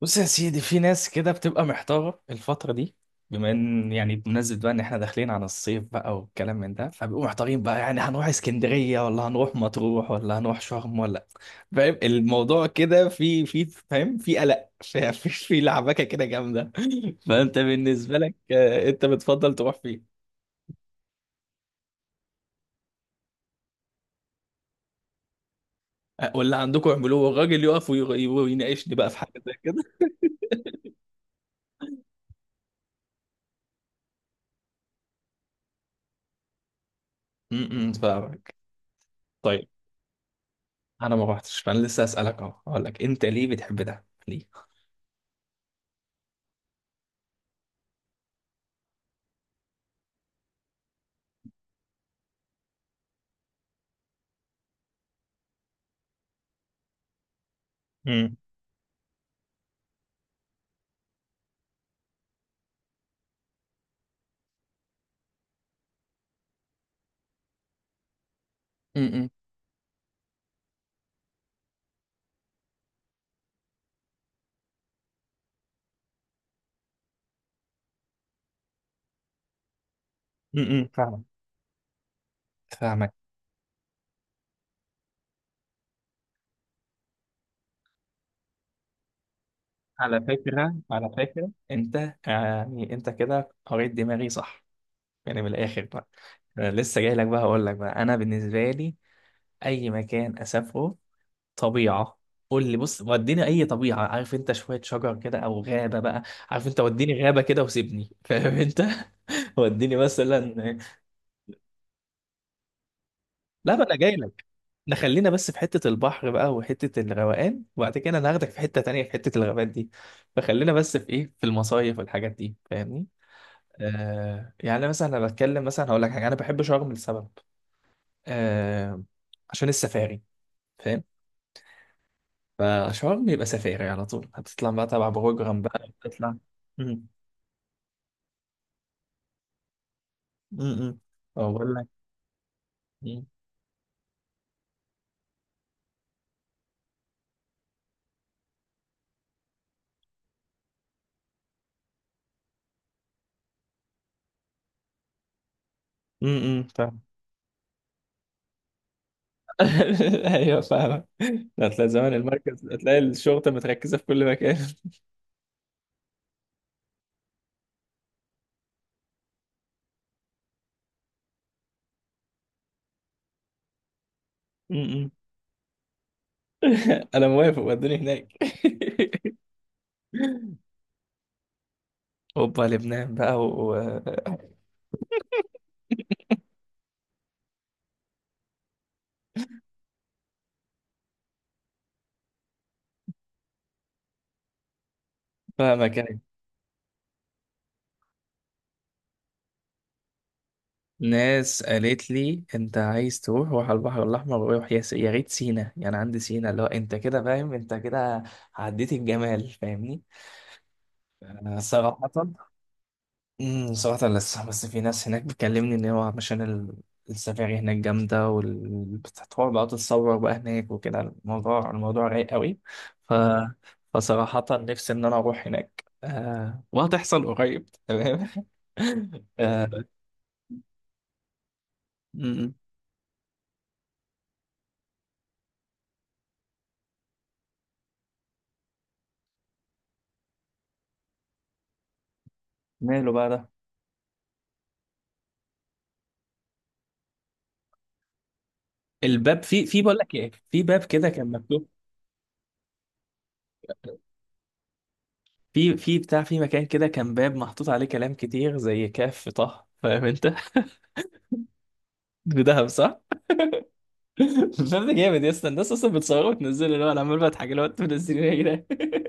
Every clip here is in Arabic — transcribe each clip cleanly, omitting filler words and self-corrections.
بص يا سيدي، في ناس كده بتبقى محتارة الفترة دي. بما ان يعني بمناسبة بقى ان احنا داخلين على الصيف بقى والكلام من ده، فبيبقوا محتارين بقى، يعني هنروح اسكندرية ولا هنروح مطروح ولا هنروح شرم ولا فاهم الموضوع كده. في فاهم، في قلق، في لعبكة كده جامدة. فانت بالنسبة لك انت بتفضل تروح فين؟ ولا عندكم اعملوه والراجل يقف ويناقشني بقى في حاجة زي كده. م- م، فاهمك. طيب. انا ما روحتش، فانا لسه اسالك اهو، اقول لك انت ليه بتحب ده؟ ليه؟ امم امم، فاهمك. فاهمك. على فكرة، على فكرة انت يعني انت كده قريت دماغي، صح؟ يعني من الاخر بقى، انا لسه جاي لك بقى، هقول لك بقى، انا بالنسبة لي اي مكان اسافره طبيعة. قول لي بص، وديني اي طبيعة، عارف انت، شوية شجر كده او غابة بقى، عارف انت، وديني غابة كده وسيبني، فاهم انت. وديني مثلا. لا بقى، انا جاي لك، احنا خلينا بس في حته البحر بقى وحته الروقان، وبعد كده انا هاخدك في حته تانية، في حته الغابات دي، فخلينا بس في ايه، في المصايف والحاجات دي، فاهمني. آه، يعني مثلا انا بتكلم، مثلا هقول لك حاجه، انا بحب شرم لسبب. آه، عشان السفاري، فاهم. فشرم يبقى سفاري على طول، هتطلع بقى تبع بروجرام بقى تطلع. امم امم، اقول لك. امم، فاهم. ايوه فاهم. هتلاقي زمان المركز، هتلاقي الشرطه متركزه في كل مكان. م-م. انا موافق، ودوني هناك. اوبا، لبنان بقى و... فاهمك يعني. ناس قالت لي: انت عايز تروح، روح على البحر الاحمر، وروح يا ريت سينا، يعني عندي سينا اللي هو انت كده، فاهم انت كده عديت الجمال، فاهمني. أنا صراحة امم، صراحة لسه، بس في ناس هناك بتكلمني إن هو علشان السفاري هناك جامدة، وال بتروح بقى تتصور بقى هناك وكده، الموضوع، الموضوع رايق قوي. ف فصراحة نفسي إن أنا أروح هناك، وهتحصل قريب، تمام. آه... أمم. ماله بقى ده؟ الباب، في بقول لك إيه، في باب كده كان مكتوب، في بتاع، في مكان كده كان باب محطوط عليه كلام كتير زي كاف طه، فاهم أنت؟ بدهب صح؟ الفيلم جامد يا اسطى، الناس اصلا بتصوره وتنزله، اللي هو انا عمال بضحك، اللي هو انتوا منزلينه ايه يا جدعان؟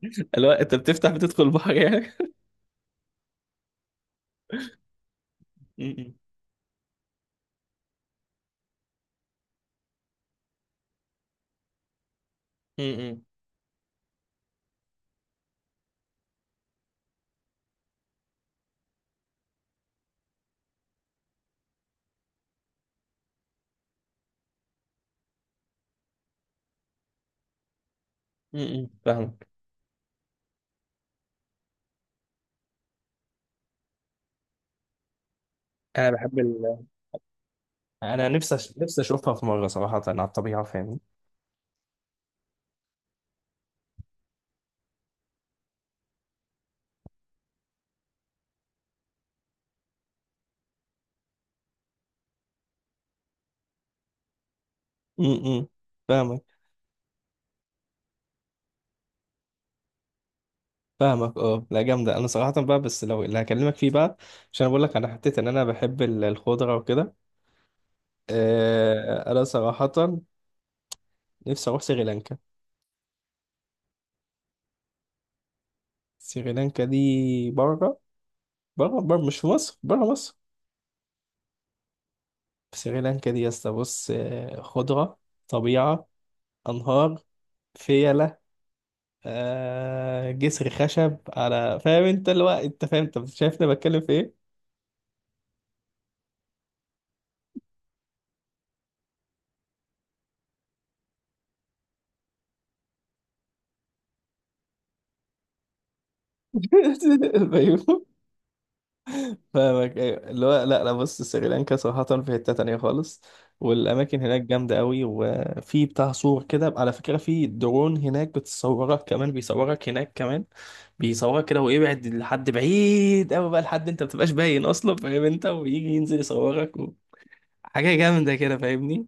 اللي هو انت بتفتح بتدخل البحر يعني. م- م- م- فاهمك. انا بحب ال... انا نفسي أش... نفسي اشوفها في مره، صراحه، على الطبيعه، فاهمني. م- م. فاهمك. فاهمك. اه، لا جامده. انا صراحه بقى، بس لو اللي هكلمك فيه بقى، عشان بقول لك انا حطيت ان انا بحب الخضره وكده. آه، انا صراحه نفسي اروح سريلانكا. سريلانكا دي بره، بره، مش في مصر، بره مصر. في سريلانكا دي يا اسطى، بص آه، خضرة، طبيعة، أنهار، فيلة، آه، جسر خشب على، فاهم انت اللي هو، انت فاهم انت شايفني بتكلم في ايه؟ الفيوم. فاهمك ايوه، اللي هو لا لا، بص سريلانكا صراحة في حتة تانية خالص، والأماكن هناك جامدة أوي، وفي بتاع صور كده، على فكرة في درون هناك بتصورك كمان، بيصورك هناك كمان، بيصورك كده ويبعد لحد بعيد أوي بقى، لحد أنت مبتبقاش باين أصلا، فاهم أنت؟ ويجي ينزل يصورك، حاجة جامدة كده، فاهمني.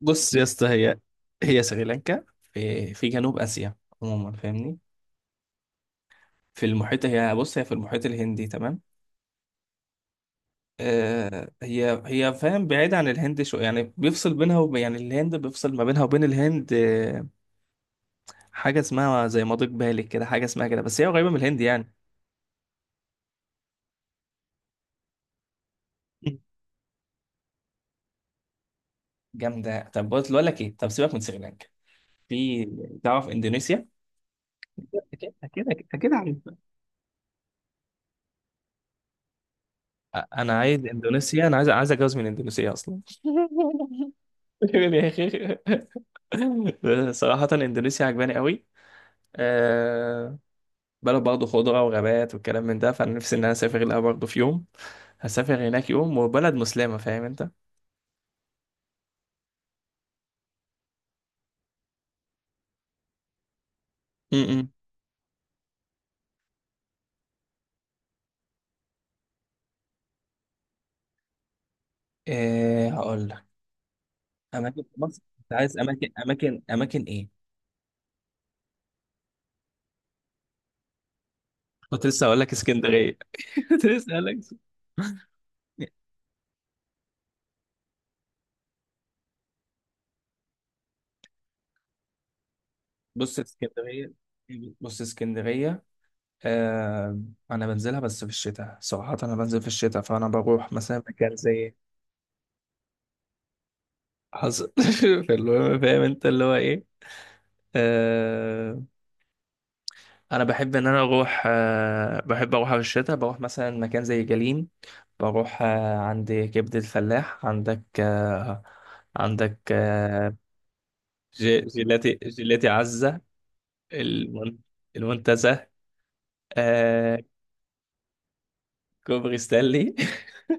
بص يا اسطى، هي هي سريلانكا في جنوب آسيا عموما، فاهمني. في المحيط، هي بص، هي في المحيط الهندي، تمام. آه هي هي فاهم، بعيدة عن الهند، شو يعني، بيفصل بينها يعني الهند بيفصل ما بينها وبين الهند. آه، حاجة اسمها زي مضيق، بالك كده، حاجة اسمها كده، بس هي قريبة من الهند يعني. مم. جامدة. طب بص، بقول لك ايه، طب سيبك من سريلانكا. في، تعرف اندونيسيا؟ اكيد اكيد اكيد أكيد عارف. انا عايز اندونيسيا، انا عايز اتجوز من اندونيسيا اصلا. يقول يا اخي، صراحة اندونيسيا عجباني قوي. أه، بلد برضه خضرة وغابات والكلام من ده، فانا نفسي ان انا اسافر لها برضه في يوم، هسافر هناك يوم، وبلد مسلمة، فاهم انت. م-م. أه، هقول لك اماكن في مصر. انت عايز اماكن، اماكن ايه؟ كنت لسه هقول لك اسكندرية. كنت لسه هقول لك بص اسكندرية، بص اسكندرية، آه. انا بنزلها بس في الشتاء، صراحة انا بنزل في الشتاء، فانا بروح مثلا مكان زي... حصل. فالمهم فاهم انت اللي هو ايه، آه، انا بحب ان انا اروح، آه بحب اروح في الشتاء، بروح مثلا مكان زي جليم، بروح آه عند كبد الفلاح، عندك آه، عندك آه، جيلاتي، جيلاتي عزة، المن- المنتزه، آه، كوبري ستانلي.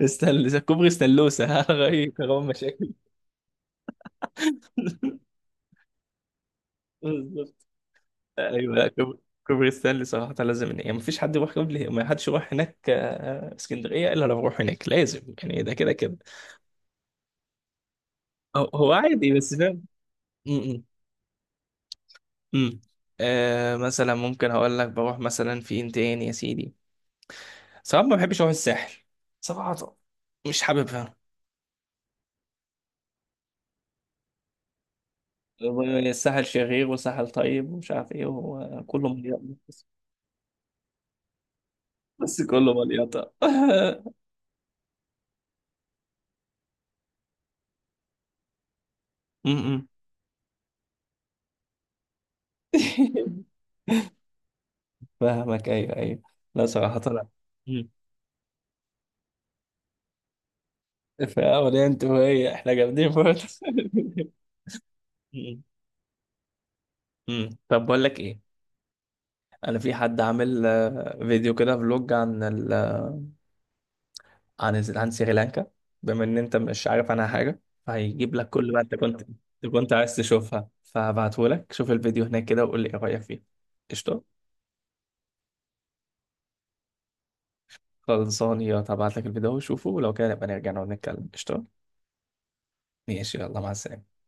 استنى، كوبري ستانلوسة. غير، كرام، مشاكل. بالظبط. ايوه، كوبري ستانلي صراحه لازم، يعني مفيش حد يروح قبل ما، حدش يروح هناك، آه، اسكندريه الا لو يروح هناك لازم يعني، ده كده كده. هو هو عادي بس فاهم. م- م- م. آه مثلا ممكن هقول لك بروح مثلا فين تاني يا سيدي. صراحه ما بحبش اروح الساحل، صراحه، مش حاببها. الساحل شرير وساحل طيب ومش عارف ايه وكله مليان، بس. بس كله مليان. م- م. فاهمك ايوه ايوه. لا صراحة لا. مم. في، انت وهي احنا جامدين برضه. مم. مم. طب بقول لك ايه، انا في حد عامل آه، فيديو كده فلوج عن ال... عن سريلانكا، بما ان انت مش عارف عنها حاجة، فهيجيب لك كل ما انت كنت، انت كنت عايز تشوفها، فهبعته لك، شوف الفيديو هناك كده وقول لي ايه رأيك فيه. قشطة. خلصان، يا هبعت لك الفيديو وشوفه، ولو كان نبقى نرجع نقعد نتكلم. قشطة. ماشي يلا، مع السلامة.